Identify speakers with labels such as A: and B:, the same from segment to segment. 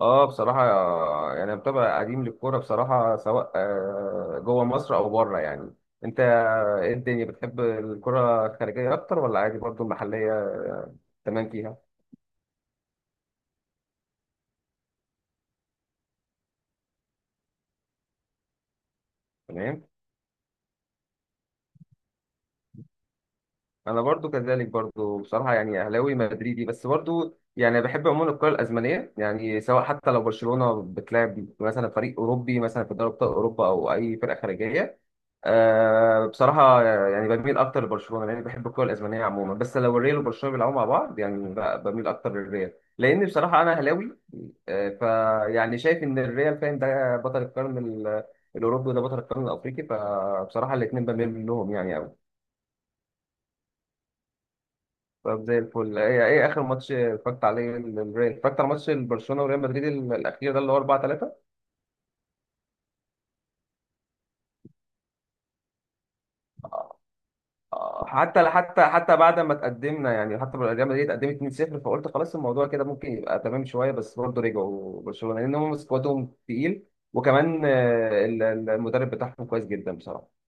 A: اه، بصراحة يعني أنا متابع قديم للكورة بصراحة، سواء جوه مصر أو بره يعني. أنت إيه؟ الدنيا بتحب الكرة الخارجية أكتر ولا عادي برضو المحلية؟ تمام فيها. تمام، أنا برضو كذلك برضو بصراحة. يعني أهلاوي مدريدي، بس برضو يعني بحب عموما الكرة الأسبانية، يعني سواء حتى لو برشلونة بتلعب مثلا فريق أوروبي مثلا في دوري أبطال أوروبا أو أي فرقة خارجية. أه بصراحة يعني بميل أكتر لبرشلونة لأني بحب الكرة الأسبانية عموما، بس لو الريال وبرشلونة بيلعبوا مع بعض، يعني بميل أكتر للريال، لأن بصراحة أنا أهلاوي. أه. فيعني شايف إن الريال، فاهم، ده بطل القرن الأوروبي، وده بطل القرن الأفريقي، فبصراحة الاتنين بميل لهم يعني أوي. طب زي الفل. إيه, إيه آخر ماتش اتفرجت عليه للريال؟ اتفرجت على ماتش برشلونة وريال مدريد الأخير ده اللي هو 4-3. حتى بعد ما تقدمنا يعني، حتى لما ريال مدريد اتقدمت 2-0، فقلت خلاص الموضوع كده ممكن يبقى تمام شويه، بس برضه رجعوا برشلونه لان هم سكوادهم تقيل. وكمان المدرب بتاعهم كويس جدا بصراحه.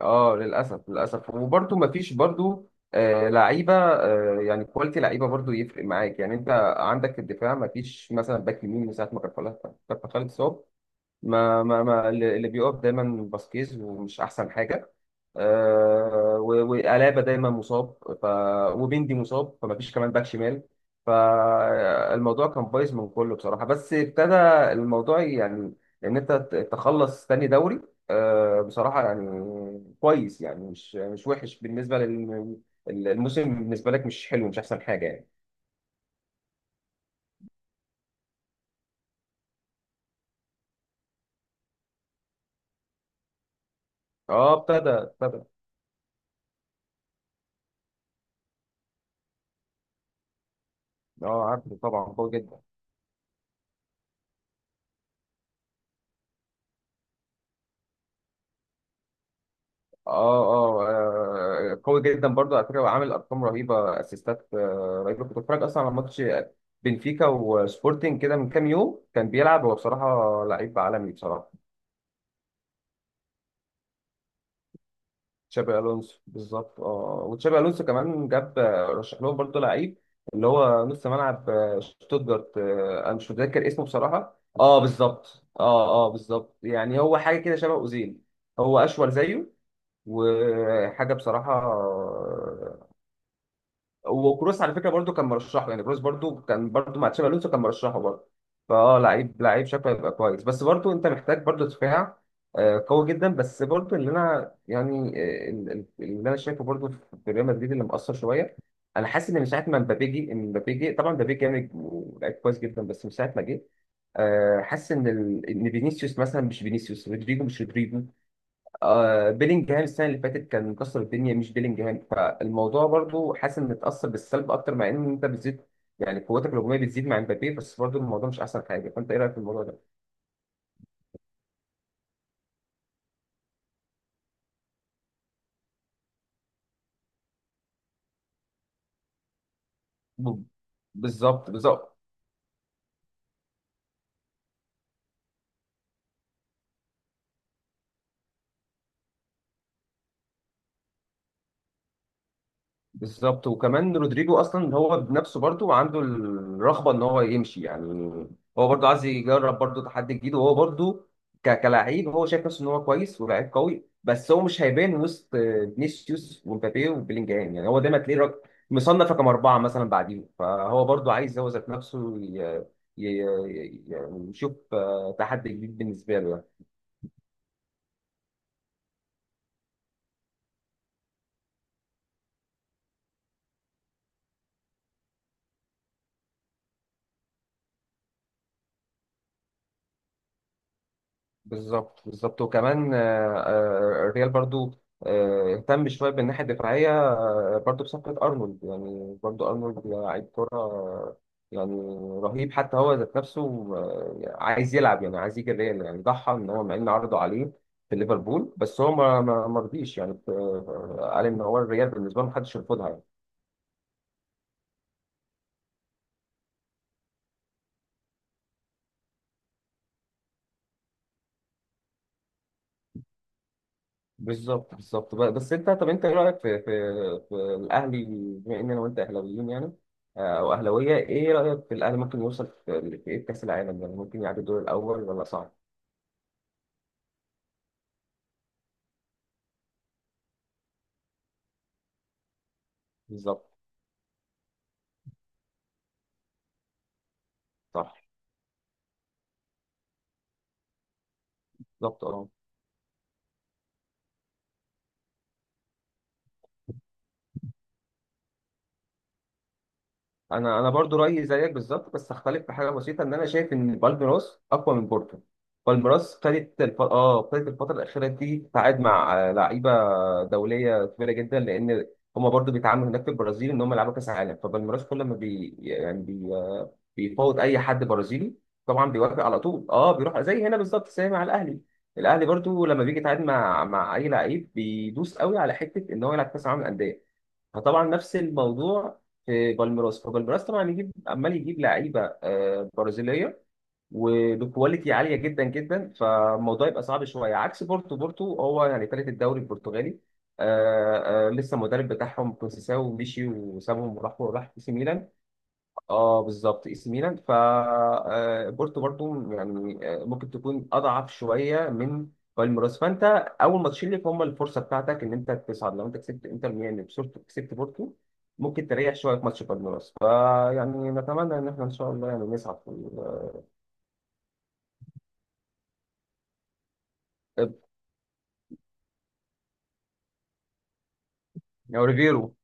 A: اه، للاسف للاسف. وبرضه ما فيش برضه لعيبه، يعني كواليتي لعيبه برضه يفرق معاك. يعني انت عندك في الدفاع ما فيش مثلا باك يمين من ساعه ما كارفاخال، كارفاخال اتصاب. ما اللي بيقف دايما باسكيز، ومش احسن حاجه. وألابا دايما مصاب، ف، وبيندي مصاب، فما فيش كمان باك شمال. فالموضوع كان بايظ من كله بصراحه. بس ابتدى الموضوع يعني ان انت تخلص تاني دوري، آه بصراحه يعني كويس، يعني مش وحش بالنسبه للموسم. بالنسبه لك مش حلو، مش احسن حاجه يعني. اه، ابتدى. اه عارفه طبعا، قوي جدا. اه اه. قوي جدا برضو على فكره، وعامل ارقام رهيبه، اسيستات رهيبه. كنت بتفرج اصلا على ماتش بنفيكا وسبورتنج كده من كام يوم، كان بيلعب هو، بصراحه لعيب عالمي بصراحه. تشابي الونسو بالظبط. اه وتشابي الونسو كمان جاب، رشح لهم برضو لعيب، اللي هو نص ملعب شتوتجارت. انا مش متذكر اسمه بصراحه. اه بالظبط. اه اه بالظبط. يعني هو حاجه كده شبه اوزيل. هو اشول زيه وحاجه بصراحه. وكروس على فكره برضو كان مرشحه، يعني كروس برضو كان برضو مع تشابي الونسو كان مرشحه برضو. فاه، لعيب، لعيب شكله هيبقى كويس، بس برضو انت محتاج برضو دفاع قوي جدا. بس برضو اللي انا يعني اللي انا شايفه برضو في ريال مدريد اللي مأثر شويه، انا حاسس ان من ساعه ما مبابي جه، إن مبابي جه، طبعا مبابي جامد ولعيب كويس جدا، بس من ساعه ما جه حاسس ان ان فينيسيوس مثلا مش فينيسيوس، رودريجو مش رودريجو، آه بيلينجهام السنه اللي فاتت كان مكسر الدنيا، مش بيلينجهام. فالموضوع برضو حاسس انه اتاثر بالسلب اكتر، مع ان انت بتزيد يعني قوتك الهجوميه بتزيد مع امبابي، بس برضو الموضوع مش احسن حاجه. فانت ايه رايك في الموضوع ده؟ ب- بالظبط بالظبط بالظبط. وكمان رودريجو اصلا هو بنفسه برضه عنده الرغبه ان هو يمشي يعني. هو برضه عايز يجرب برضه تحدي جديد، وهو برضه كلاعب هو شايف نفسه ان هو كويس ولاعيب قوي، بس هو مش هيبان وسط فينيسيوس ومبابي وبيلينجهام. يعني هو دايما تلاقيه مصنف رقم 4 مثلا بعديهم، فهو برضه عايز هو ذات نفسه ي- يعني يشوف تحدي جديد بالنسبه له يعني. بالظبط بالظبط. وكمان الريال برضه اهتم شويه بالناحيه الدفاعيه برضه بصفقة أرنولد. يعني برضه أرنولد لعيب كرة يعني رهيب. حتى هو ذات نفسه عايز يلعب، يعني عايز يجي الريال، يعني ضحى إن هو، مع إن عرضوا عليه في ليفربول، بس هو ما رضيش يعني. قال إن هو الريال بالنسبة له محدش يرفضها يعني. بالظبط بالظبط. بس أنت، طب أنت إيه رأيك في في في الأهلي، بما إن أنا وأنت أهلاويين يعني أو أهلاوية؟ إيه رأيك في الأهلي؟ ممكن يوصل في في إيه في كأس العالم؟ يعني ممكن يعدي الدور الأول ولا صعب؟ بالظبط. صح. بالظبط أه. انا انا برضو رايي زيك بالظبط، بس اختلف في حاجه بسيطه، ان انا شايف ان بالميراس اقوى من بورتو. بالميراس ابتدت الف... اه ابتدت الفتره الاخيره دي تتعاقد مع لعيبه دوليه كبيره جدا، لان هما برضو بيتعاملوا هناك في البرازيل ان هم يلعبوا كاس عالم. فبالميراس كل ما بي يعني بي... آه، بيفاوض اي حد برازيلي، طبعا بيوافق على طول. اه بيروح، زي هنا بالظبط، زي مع الاهلي. الاهلي برضو لما بيجي يتعاقد مع اي لعيب، بيدوس قوي على حته ان هو يلعب كاس العالم للانديه. فطبعا نفس الموضوع في بالميراس. فبالميراس طبعا يجيب، عمال يجيب لعيبه برازيليه، وبكواليتي عاليه جدا جدا. فالموضوع يبقى صعب شويه، عكس بورتو. بورتو هو يعني ثالث الدوري البرتغالي، لسه المدرب بتاعهم كونسيساو مشي وسابهم، وراح، راح اي سي ميلان. اه بالظبط، اي سي ميلان. ف بورتو برضو يعني ممكن تكون اضعف شويه من بالميراس. فانت اول ماتشين ليك هم الفرصه بتاعتك ان انت تصعد. لو انت كسبت انتر ميامي بصورة، كسبت بورتو، ممكن تريح شويه في ماتش بالميراس. فيعني نتمنى ان احنا ان شاء الله يعني نصعد في ريفيرو،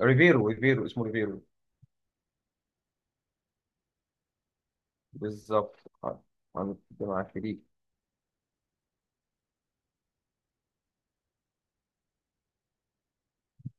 A: ريفيرو، ريفيرو اسمه ريفيرو. بالظبط. آه، انا كنت معاك في دي.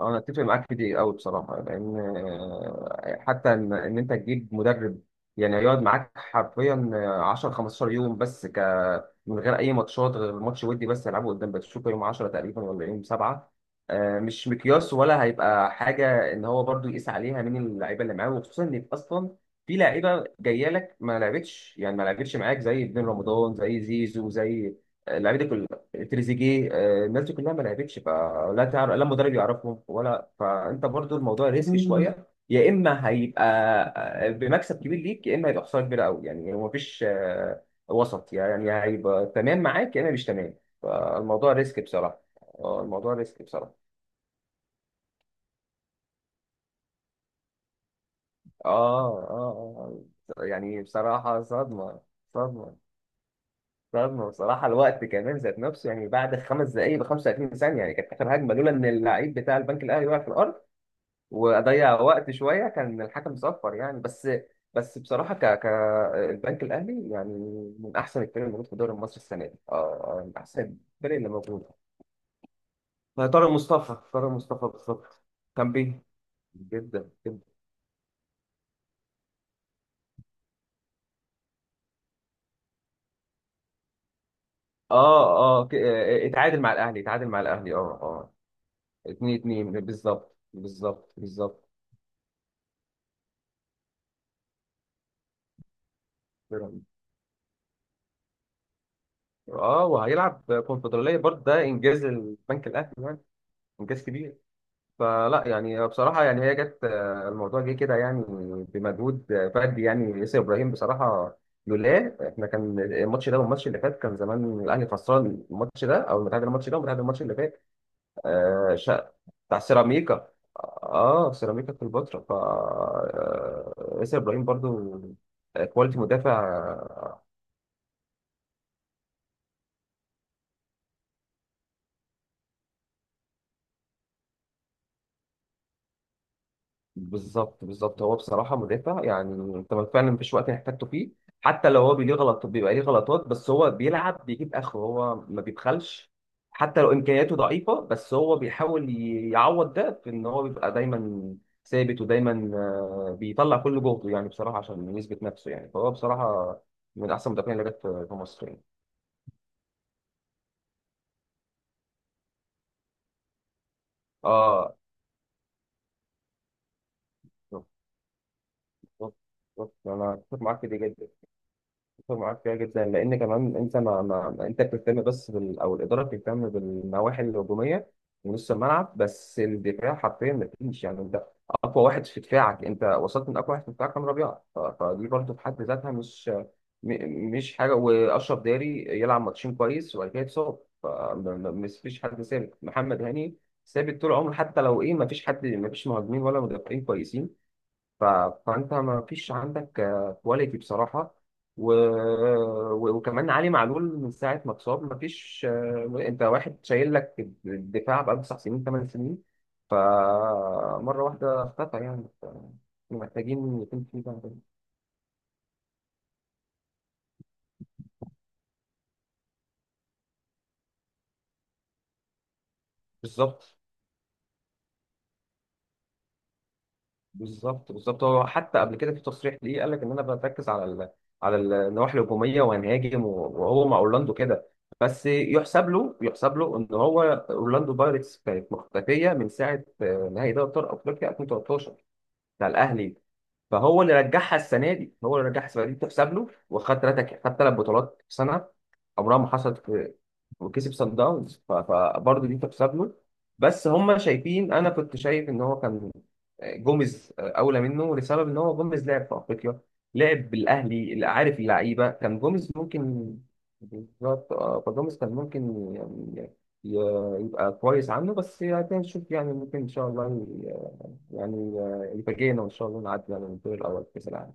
A: انا اتفق معاك في دي قوي بصراحه، لان حتى ان إن انت تجيب مدرب يعني يقعد معاك حرفيا 10 15 يوم، بس من غير اي ماتشات، غير ماتش ودي بس يلعبه قدام باتشوكا يوم 10 تقريبا ولا يوم 7، مش مقياس ولا هيبقى حاجه ان هو برضو يقيس عليها مين اللعيبه اللي معاه. وخصوصا ان اصلا في لعيبه جايه لك ما لعبتش، يعني ما لعبتش معاك، زي ابن رمضان زي زيزو زي آه، اللعيبه دي تريزيجيه، الناس دي كلها ما لعبتش، فلا تعرف لا مدرب يعرفهم ولا، فانت برضو الموضوع ريسكي شويه. يا اما هيبقى بمكسب كبير ليك، يا اما هيبقى خساره كبيره قوي يعني. هو مفيش وسط يعني، هيبقى تمام معاك يا اما مش تمام. فالموضوع ريسك بصراحه. اه الموضوع ريسك بصراحه. اه اه. يعني بصراحه صدمه، صدمه صدمه بصراحه. الوقت كمان ذات نفسه، يعني بعد 5 دقائق ب 35 ثانيه، يعني كانت اخر هجمه. لولا ان اللعيب بتاع البنك الاهلي وقع في الارض واضيع وقت شويه، كان الحكم صفر يعني. بس بس بصراحه، ك ك البنك الاهلي يعني من احسن الفرق اللي موجود في الدوري المصري السنه دي. اه، من احسن الفرق اللي موجوده. ما طارق مصطفى، طارق مصطفى بالظبط. كان بيه جدا جدا. اه اه. اتعادل مع الاهلي، اه اه. 2-2 بالظبط بالظبط بالظبط. اه وهيلعب كونفدراليه برضه، ده انجاز البنك الاهلي، يعني انجاز كبير. فلا يعني بصراحة يعني هي جت الموضوع جه كده يعني بمجهود فردي، يعني ياسر إبراهيم بصراحة. لولا احنا كان الماتش ده والماتش اللي فات كان زمان الأهلي خسران الماتش ده، أو متعادل الماتش ده ومتعادل الماتش اللي فات. آه شا- بتاع سيراميكا. اه سيراميكا كليوباترا. ف ياسر إبراهيم برضو كواليتي مدافع. بالظبط بالظبط. هو بصراحة مدافع يعني انت فعلا مفيش وقت احتاجته فيه. حتى لو هو ليه غلط، بيبقى ليه غلطات، بس هو بيلعب بيجيب اخره، هو ما بيبخلش. حتى لو امكانياته ضعيفة، بس هو بيحاول يعوض ده في ان هو بيبقى دايما ثابت، ودايما بيطلع كل جهده يعني، بصراحة عشان يثبت نفسه يعني. فهو بصراحة من احسن المدافعين اللي جت في في مصر يعني. اه بالظبط بالظبط. انا اتفق معاك في دي جدا، اتفق معاك فيها جدا، لان كمان انت انت بتهتم بس بال... او الاداره بتهتم بالنواحي الهجوميه ونص الملعب، بس الدفاع حرفيا ما فيش يعني. انت اقوى واحد في دفاعك، انت وصلت من اقوى واحد في دفاعك كان ربيعه، فدي برضه في حد ذاتها مش حاجه. واشرف داري يلعب ماتشين كويس وبعد كده يتصاب، فمش فيش حد ثابت. محمد هاني ثابت طول عمره، حتى لو ايه. ما فيش حد، ما فيش مهاجمين ولا مدافعين كويسين. ف... فانت ما فيش عندك كواليتي بصراحه. و... وكمان علي معلول من ساعه ما اتصاب ما فيش انت واحد شايل لك الدفاع بقاله 9 سنين 8 سنين. فمره واحده اختفى يعني. محتاجين يكون في. بالظبط بالظبط بالظبط. هو حتى قبل كده في تصريح ليه قال لك ان انا بركز على على النواحي الهجوميه وهنهاجم، وهو مع اورلاندو كده. بس يحسب له، يحسب له ان هو، اورلاندو بايرتس كانت مختفيه من ساعه نهائي دوري ابطال افريقيا 2013 بتاع الاهلي. فهو اللي رجعها السنه دي، هو اللي رجعها السنه دي تحسب له. وخد ثلاثه، خد 3 بطولات في سنه عمرها ما حصلت في، وكسب سان داونز، فبرضه دي تحسب له. بس هم شايفين، انا كنت شايف ان هو كان جوميز اولى منه، لسبب ان هو جوميز لعب في افريقيا، لعب بالاهلي، اللي عارف اللعيبه كان جوميز ممكن. بالظبط اه، فجوميز كان ممكن يعني يبقى كويس عنه. بس يعني هنشوف يعني، ممكن ان شاء الله يعني الفجينا، وان شاء الله نعدي على الدور الاول في كاس العالم.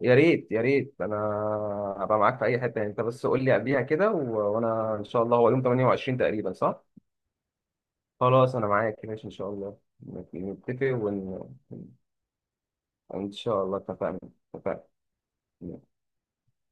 A: يا ريت يا ريت، انا هبقى معاك في اي حته يعني. انت بس قول لي قبليها كده، وانا ان شاء الله. هو يوم 28 تقريبا صح؟ خلاص انا معاك ماشي ان شاء الله. نتفق ان شاء الله. اتفقنا، اتفقنا.